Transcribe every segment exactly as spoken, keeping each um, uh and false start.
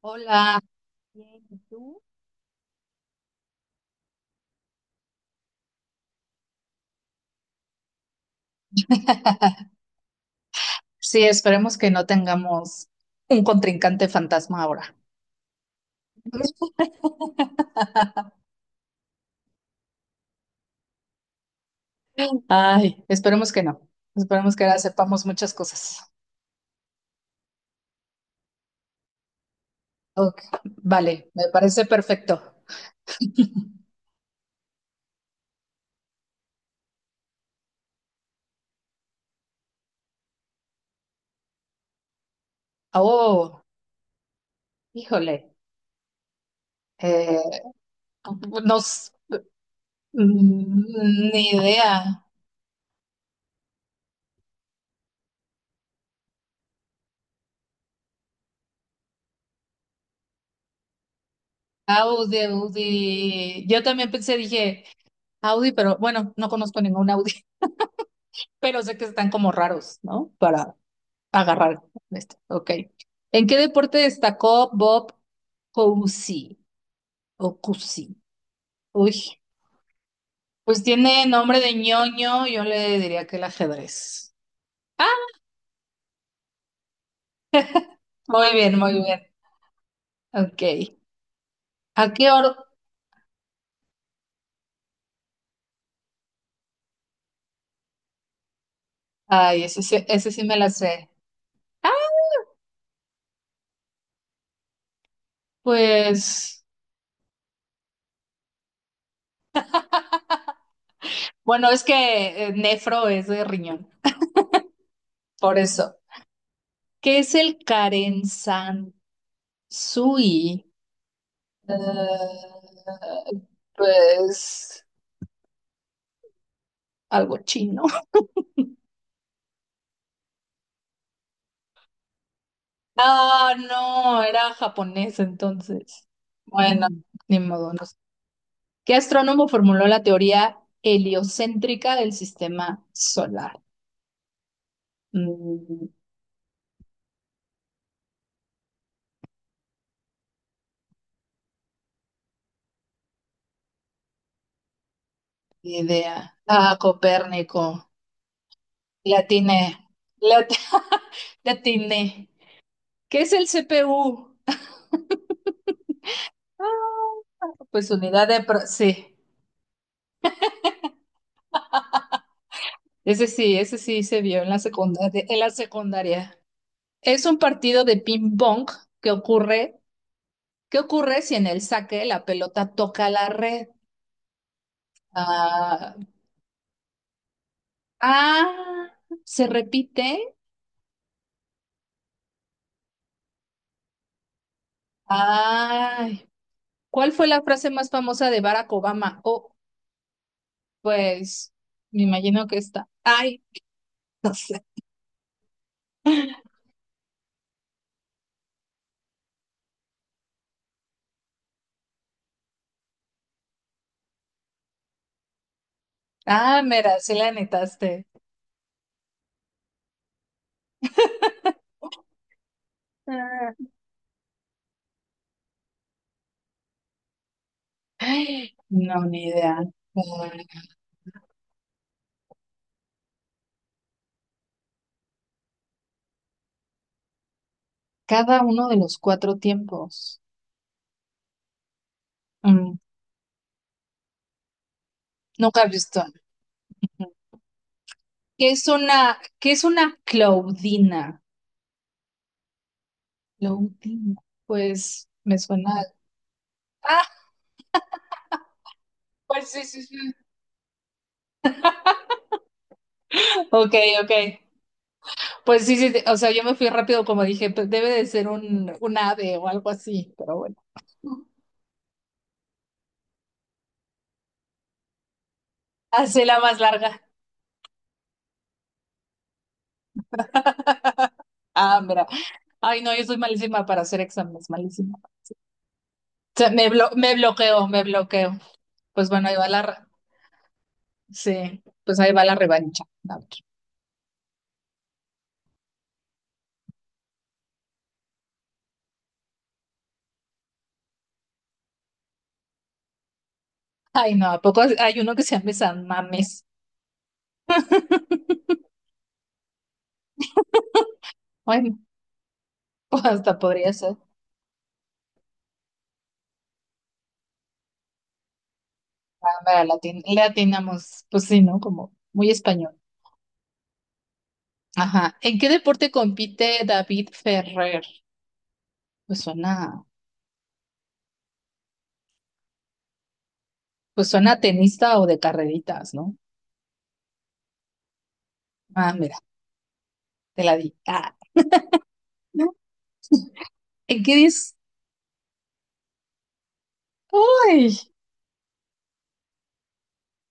Hola. Bien, ¿y tú? Sí, esperemos que no tengamos un contrincante fantasma ahora. Ay, esperemos que no. Esperemos que ahora sepamos muchas cosas. Ok, vale, me parece perfecto. Oh, híjole, eh, nos, mm, ni idea. Audi, Audi. Yo también pensé, dije Audi, pero bueno, no conozco ningún Audi. Pero sé que están como raros, ¿no? Para agarrar. Con este, ok. ¿En qué deporte destacó Bob Cousy? O Cousy. Uy, pues tiene nombre de ñoño, yo le diría que el ajedrez. Ah, muy bien, muy bien. Ok. ¿A qué hora? Ay, ese, sí- ese sí me la sé. Ah, pues, bueno, es que eh, nefro es de riñón, por eso. ¿Qué es el Karensansui? Eh, pues algo chino. Ah, no, era japonés entonces. Bueno. Mm, ni modo, no sé. ¿Qué astrónomo formuló la teoría heliocéntrica del sistema solar? Mm, ni idea. Ah, Copérnico. La atiné. La at- la atiné. ¿Qué es el C P U? Pues unidad de... pro- sí, ese sí, ese sí se vio en la secundaria, en la secundaria. Es un partido de ping-pong que ocurre. ¿Qué ocurre si en el saque la pelota toca la red? Ah, ah, se repite. Ay, ¿cuál fue la frase más famosa de Barack Obama? Oh, pues me imagino que está. Ay, no sé. Ah, mira, sí la netaste. Ah, ay, no, ni idea. Ah, cada uno de los cuatro tiempos. Mm, nunca he visto. ¿Qué es una, qué es una Claudina? Lo último, pues me suena. Ah, pues sí, sí, sí. Ok, ok. Pues sí, sí, sí, o sea, yo me fui rápido como dije, pues debe de ser un, un ave o algo así, pero bueno. Hace la más larga. Ah, mira. Ay, no, yo soy malísima para hacer exámenes, malísima. O sea, me, blo- me bloqueo, me bloqueo. Pues bueno, ahí va la, re- sí, pues ahí va la revancha. A ver. Ay, no, ¿a poco hay uno que se llame San Mames? Bueno, hasta podría ser. Ah, mira, le atin- le atinamos, pues sí, ¿no? Como muy español. Ajá. ¿En qué deporte compite David Ferrer? Pues suena, pues suena a tenista o de carreritas, ¿no? Ah, mira, te la di. Ah, ¿no? ¿En qué dis? ¡Ay!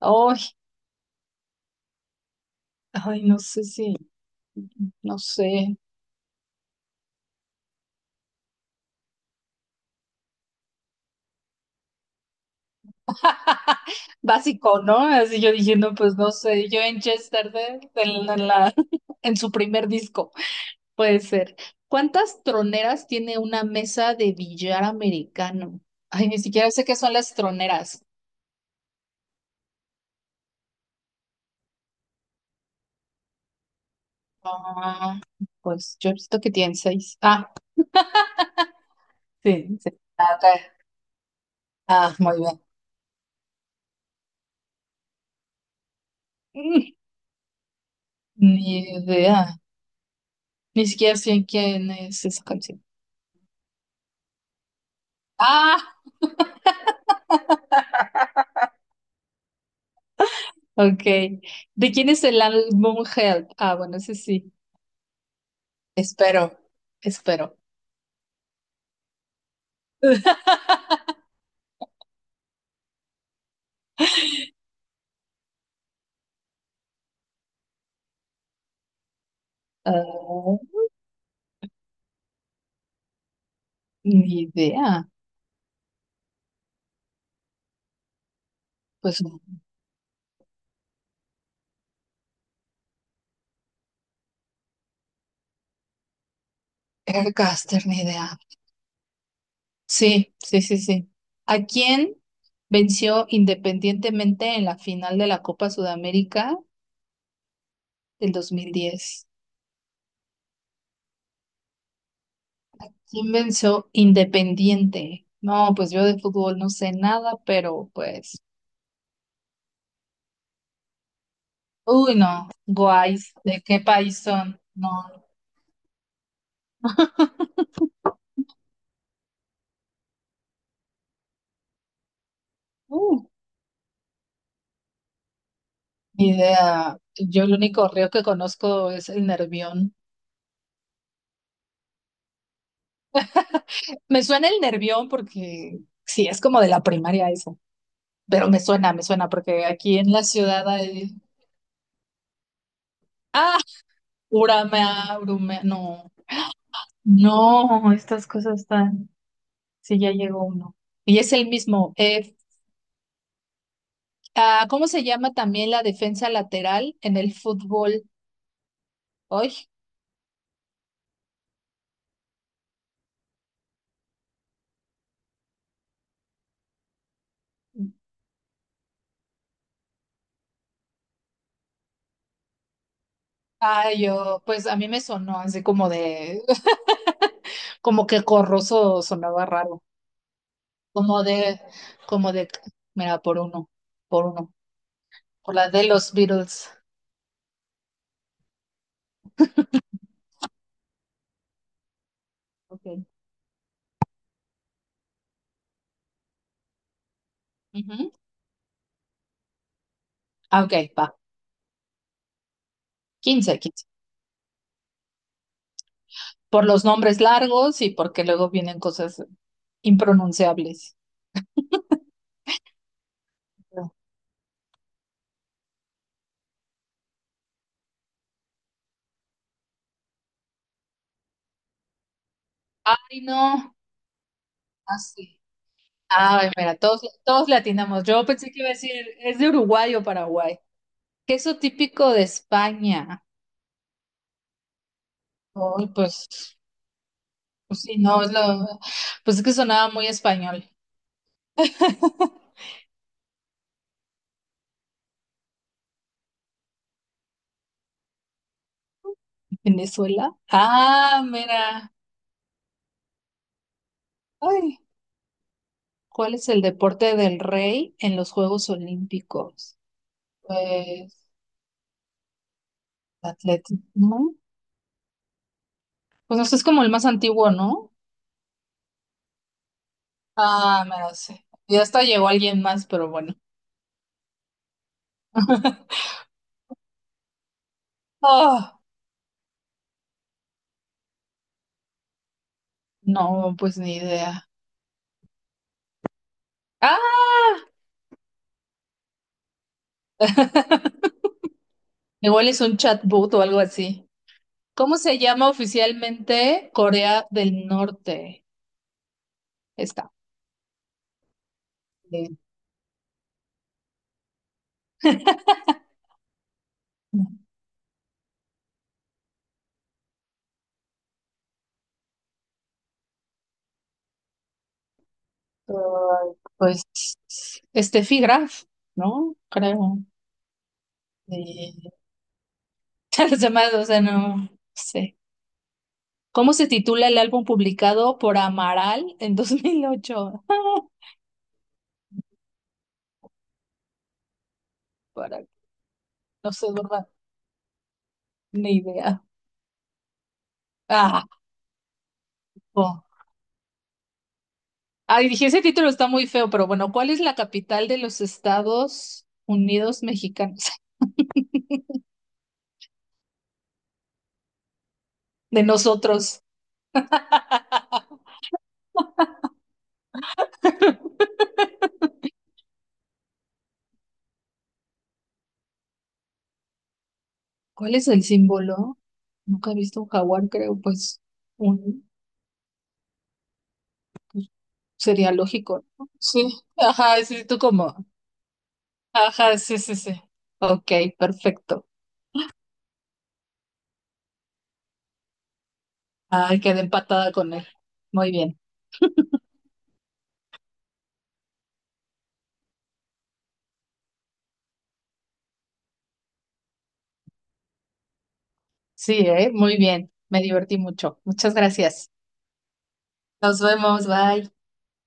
¡Ay! ¡Ay! No sé si, no sé. Básico, ¿no? Así yo dije, no, pues no sé. Yo en Chester, de- de la- en la- en su primer disco, puede ser. ¿Cuántas troneras tiene una mesa de billar americano? Ay, ni siquiera sé qué son las troneras. Ah, pues yo he visto que tienen seis. Ah, sí, sí, ah, ok. Ah, muy bien. Mm, ni idea. Ni siquiera sé quién es esa canción. Ah, ok. ¿De quién es el álbum Help? Ah, bueno, ese sí. Espero, espero. Ah, ni idea. Pues Aircaster, ni idea. Sí, sí, sí, sí. ¿A quién venció independientemente en la final de la Copa Sudamérica del dos mil diez? ¿Quién venció Independiente? No, pues yo de fútbol no sé nada, pero pues, uy, no, guays, ¿de qué país son? No, uh, ni idea. Yo el único río que conozco es el Nervión. Me suena el Nervión porque sí, es como de la primaria eso, pero me suena, me suena porque aquí en la ciudad hay... Ah, Uramea, Urumea, no, no, estas cosas están... Sí, ya llegó uno. Y es el mismo. Ah, ¿cómo se llama también la defensa lateral en el fútbol hoy? Ah, yo, pues a mí me sonó así como de, como que Corroso sonaba raro, como de, como de, mira, por uno, por uno, por la de los Beatles. Okay, ujú. Ah, ok, va, quince, quince. Por los nombres largos y porque luego vienen cosas impronunciables. Ay, no, así. Ah, mira, todos, todos le atinamos. Yo pensé que iba a decir, es de Uruguay o Paraguay. Queso típico de España. Uy, pues, pues sí, no, es lo, pues es que sonaba muy español. Venezuela. Ah, mira. Ay, ¿cuál es el deporte del rey en los Juegos Olímpicos? Pues, atletismo. Pues no sé, es como el más antiguo, ¿no? Ah, mira, sí. Ya hasta llegó alguien más, pero bueno. Oh, no, pues ni idea. Ah, igual es un chatbot o algo así. ¿Cómo se llama oficialmente Corea del Norte? Está bien. Ay, pues Steffi Graf, ¿no? Creo. Eh, los demás, o sea, no sé. ¿Cómo se titula el álbum publicado por Amaral en dos mil ocho? Para, no sé, ¿verdad? Ni idea. Ah, oh. Ay, dije, ese título está muy feo, pero bueno, ¿cuál es la capital de los Estados Unidos mexicanos? De nosotros. ¿Cuál es el símbolo? Nunca he visto un jaguar, creo, pues un sería lógico, ¿no? Sí, ajá, sí, tú como. Ajá, sí, sí, sí. Ok, perfecto. Ay, quedé empatada con él. Muy bien. Sí, ¿eh? Muy bien. Me divertí mucho. Muchas gracias. Nos vemos, bye.